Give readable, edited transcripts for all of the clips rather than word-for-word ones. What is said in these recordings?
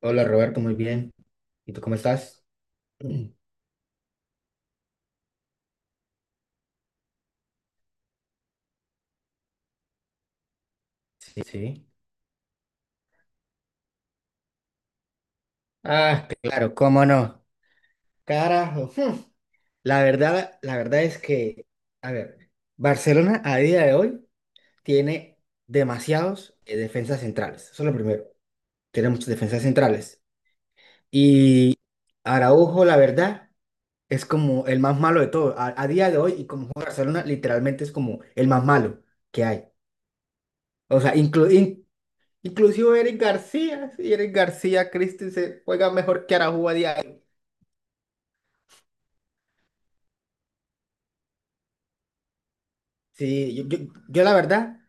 Hola Roberto, muy bien. ¿Y tú cómo estás? Mm, sí, sí. Ah, claro, cómo no. Carajo. hmm. La verdad, es que, a ver, Barcelona a día de hoy tiene demasiados defensas centrales. Eso es lo primero. Tiene muchas defensas centrales. Y Araujo, la verdad, es como el más malo de todos. A día de hoy, y como juega Barcelona, literalmente es como el más malo que hay. O sea, incluso incluso Eric García, sí, Eric García Christensen juega mejor que Araujo a diario. Sí, yo la verdad,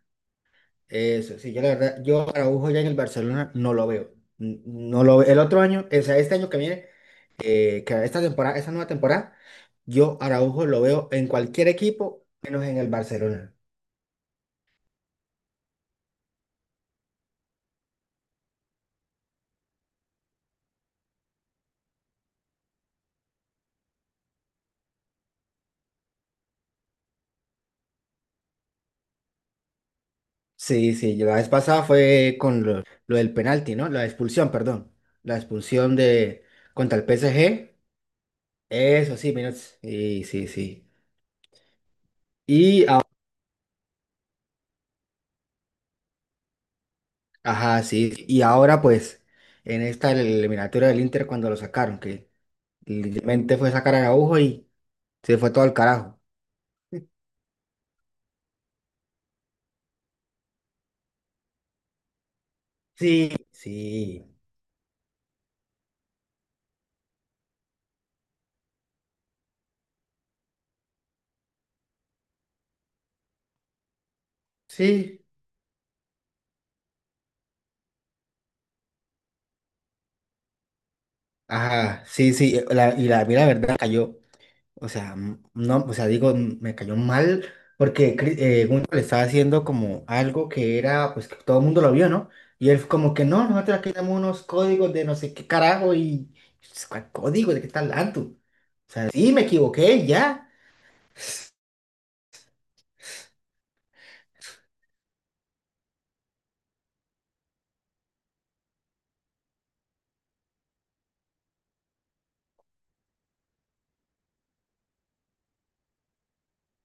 eso, sí, yo la verdad, yo Araujo ya en el Barcelona no lo veo. No lo veo. El otro año, o sea, este año que viene, que esta temporada, esta nueva temporada, yo Araujo lo veo en cualquier equipo, menos en el Barcelona. Sí, sí, yo la vez pasada fue con lo del penalti, ¿no? La expulsión, perdón. La expulsión de Contra el PSG. Eso sí, menos. Sí, sí, sí. Y, a- ajá, sí, y ahora pues en esta eliminatoria del Inter cuando lo sacaron, que literalmente fue sacar a Araujo y se fue todo al carajo. Sí, sí, sí, ajá, sí, sí, y la, a mí la verdad cayó. O sea, no, o sea, digo, me cayó mal porque Gunter le estaba haciendo como algo que era, pues que todo el mundo lo vio, ¿no? Y él como que no, nosotros aquí tenemos unos códigos de no sé qué carajo y pues, ¿cuál código? ¿De qué estás hablando? O sea, sí, me equivoqué, y ya.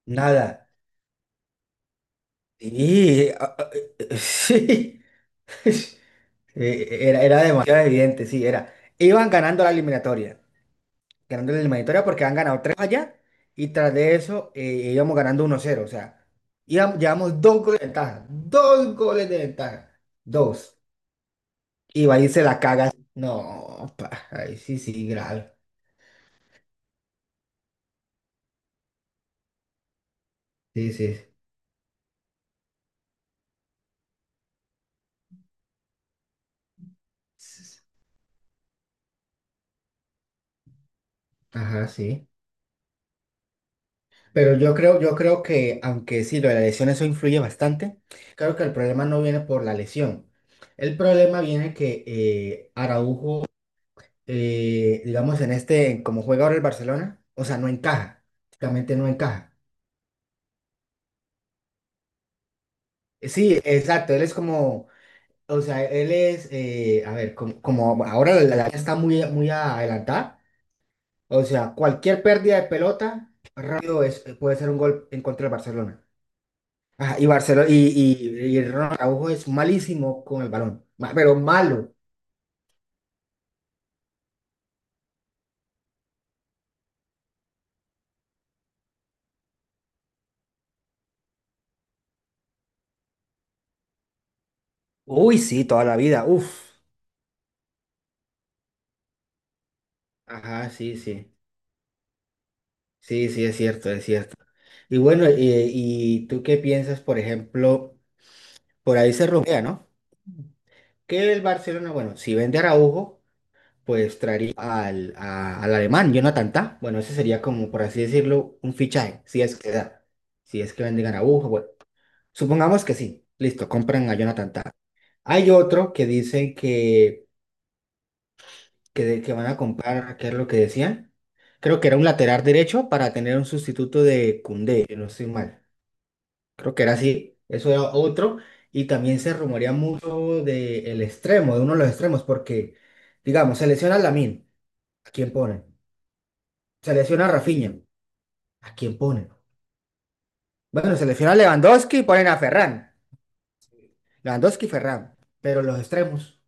Nada. Y sí. Era demasiado evidente, sí, era. Iban ganando la eliminatoria. Ganándole la eliminatoria porque han ganado tres allá y tras de eso íbamos ganando uno cero. O sea, llevamos dos goles de ventaja. Dos goles de ventaja. Dos. Y va a irse la caga. No, pa, ay, sí, sí, grave. Sí, sí. S- Ajá, sí. Pero yo creo, que, aunque sí, lo de la lesión eso influye bastante, creo que el problema no viene por la lesión. El problema viene que Araujo digamos, en este, como juega ahora el Barcelona, o sea, no encaja, prácticamente no encaja. Sí, exacto, él es como, o sea, él es, a ver, como, como ahora la liga está muy, muy adelantada, o sea, cualquier pérdida de pelota rápido es, puede ser un gol en contra del Barcelona. Ajá, y Barcelona, y Ronald Araujo es malísimo con el balón, pero malo. Uy, sí, toda la vida, uff. Ajá, sí, sí. Sí, sí, es cierto, es cierto. Y bueno, ¿y tú qué piensas, por ejemplo, por ahí se rumorea, ¿no? Que el Barcelona, bueno, si vende a Araujo, pues traería al alemán, Jonathan Tah. Bueno, ese sería como, por así decirlo, un fichaje, si es que da, si es que venden a Araujo, bueno, supongamos que sí, listo, compran a Jonathan Tah. Hay otro que dicen que, que van a comprar, ¿qué es lo que decían? Creo que era un lateral derecho para tener un sustituto de Koundé, si no estoy mal. Creo que era así, eso era otro. Y también se rumorea mucho del extremo, de uno de los extremos, porque, digamos, se lesiona a Lamine, ¿a quién ponen? Se lesiona a Rafinha, ¿a quién ponen? Bueno, se lesiona a Lewandowski y ponen a Ferran. Lewandowski y Ferran. Pero los extremos.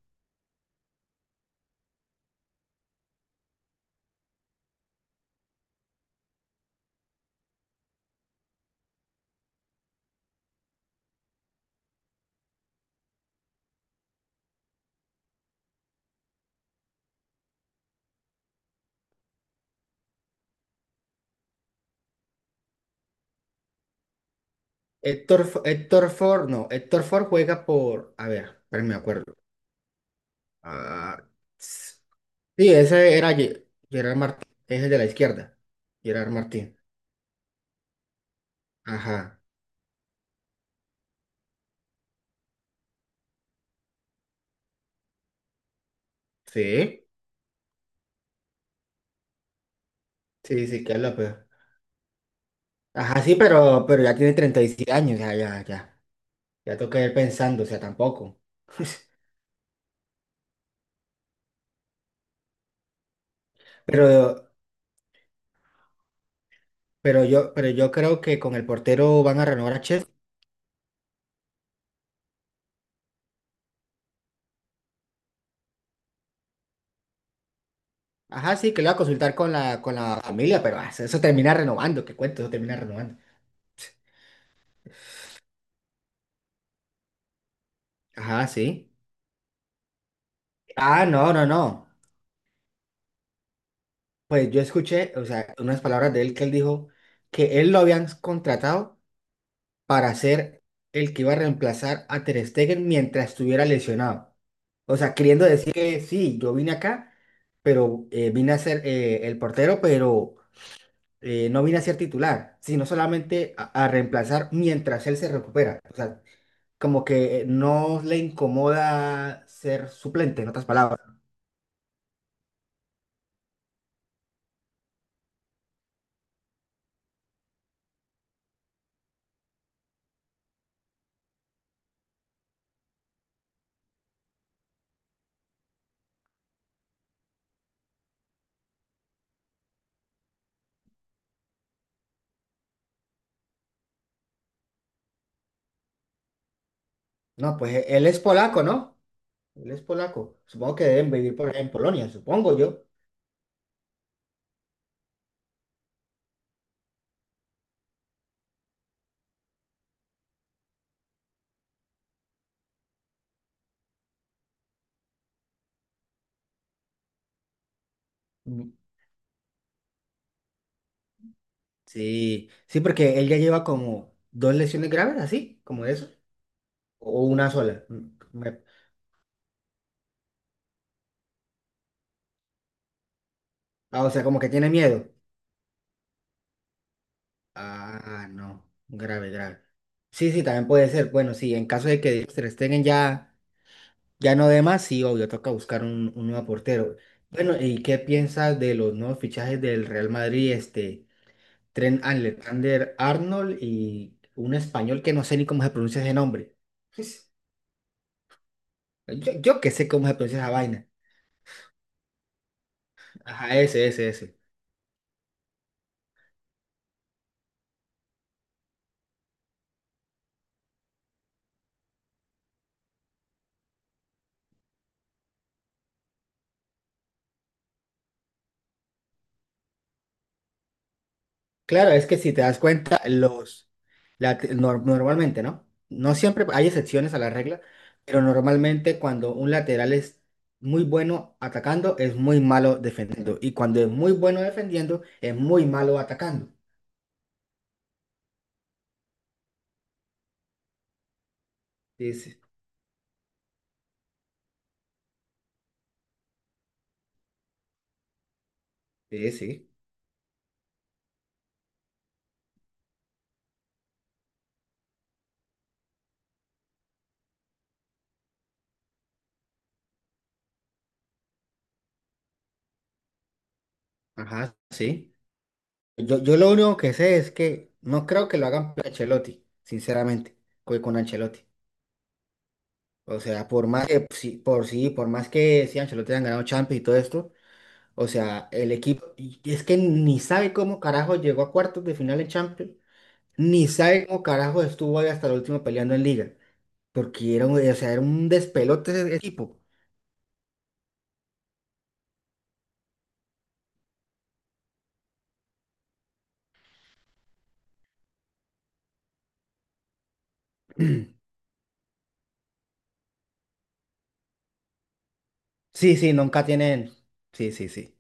Héctor Ford, no, Héctor Ford juega por, a ver, espérenme, me acuerdo. Ah, s- sí, ese era Gerard Martín, ese de la izquierda. Gerard Martín. Ajá, sí, sí, sí, que es la peor. Ajá, sí, pero ya tiene 37 años, ya, ya, ya. Ya tengo que ir pensando, o sea, tampoco. Pero, pero yo creo que con el portero van a renovar a Chef. Ajá, sí, que lo va a consultar con la familia, pero ah, eso termina renovando, qué cuento, eso termina renovando. Ajá, sí. Ah, no, no, no. Pues yo escuché, o sea, unas palabras de él que él dijo que él lo habían contratado para ser el que iba a reemplazar a Ter Stegen mientras estuviera lesionado. O sea, queriendo decir que sí, yo vine acá, pero vine a ser el portero, pero no vine a ser titular, sino solamente a reemplazar mientras él se recupera. O sea, como que no le incomoda ser suplente, en otras palabras. No, pues él es polaco, ¿no? Él es polaco. Supongo que deben vivir por allá en Polonia, supongo yo. Sí, sí, porque él ya lleva como dos lesiones graves, así, como eso, o una sola. Me- Ah, o sea, como que tiene miedo. Ah, no, grave, grave. Sí, sí, también puede ser. Bueno, sí, en caso de que Ter Stegen ya, ya no dé más, sí, obvio, toca buscar un nuevo portero. Bueno, ¿y qué piensas de los nuevos fichajes del Real Madrid? Este, Trent Alexander-Arnold y un español que no sé ni cómo se pronuncia ese nombre. Pues, yo que sé cómo se pronuncia esa vaina. Ajá, ese, ese, ese. Claro, es que si te das cuenta, los, la te- nor- normalmente, ¿no? No siempre hay excepciones a la regla, pero normalmente cuando un lateral es muy bueno atacando, es muy malo defendiendo. Y cuando es muy bueno defendiendo, es muy malo atacando. Sí, sí, sí, sí. Ajá, sí. Yo lo único que sé es que no creo que lo hagan por Ancelotti, sinceramente, con Ancelotti. O sea, por más que, sí, por sí, por más que sí, Ancelotti han ganado Champions y todo esto. O sea, el equipo, y es que ni sabe cómo carajo llegó a cuartos de final en Champions, ni sabe cómo carajo estuvo ahí hasta el último peleando en Liga, porque era, o sea, era un despelote ese equipo. Sí, sí, nunca tienen. Sí, sí, sí.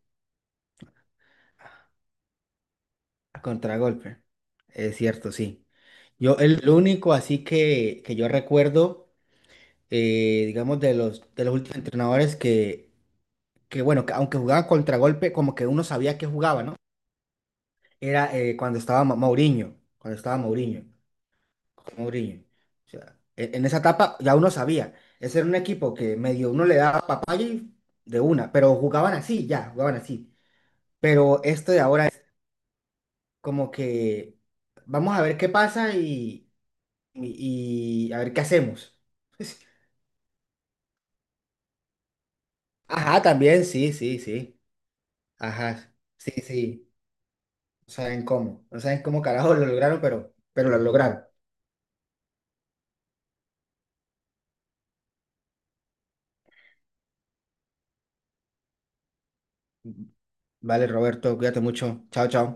A contragolpe. Es cierto, sí. Yo, el lo único así que yo recuerdo, digamos, de los últimos entrenadores que, bueno, que aunque jugaban contragolpe, como que uno sabía que jugaba, ¿no? Era cuando estaba Mourinho, cuando estaba Mourinho, con Mourinho. O sea, en esa etapa ya uno sabía, ese era un equipo que medio uno le daba papaya y de una, pero jugaban así, ya, jugaban así. Pero esto de ahora es como que vamos a ver qué pasa y a ver qué hacemos. Ajá, también, sí, sí, sí. Ajá, sí, sí. No saben cómo, no saben cómo carajo lo lograron, pero lo lograron. Vale, Roberto, cuídate mucho. Chao, chao.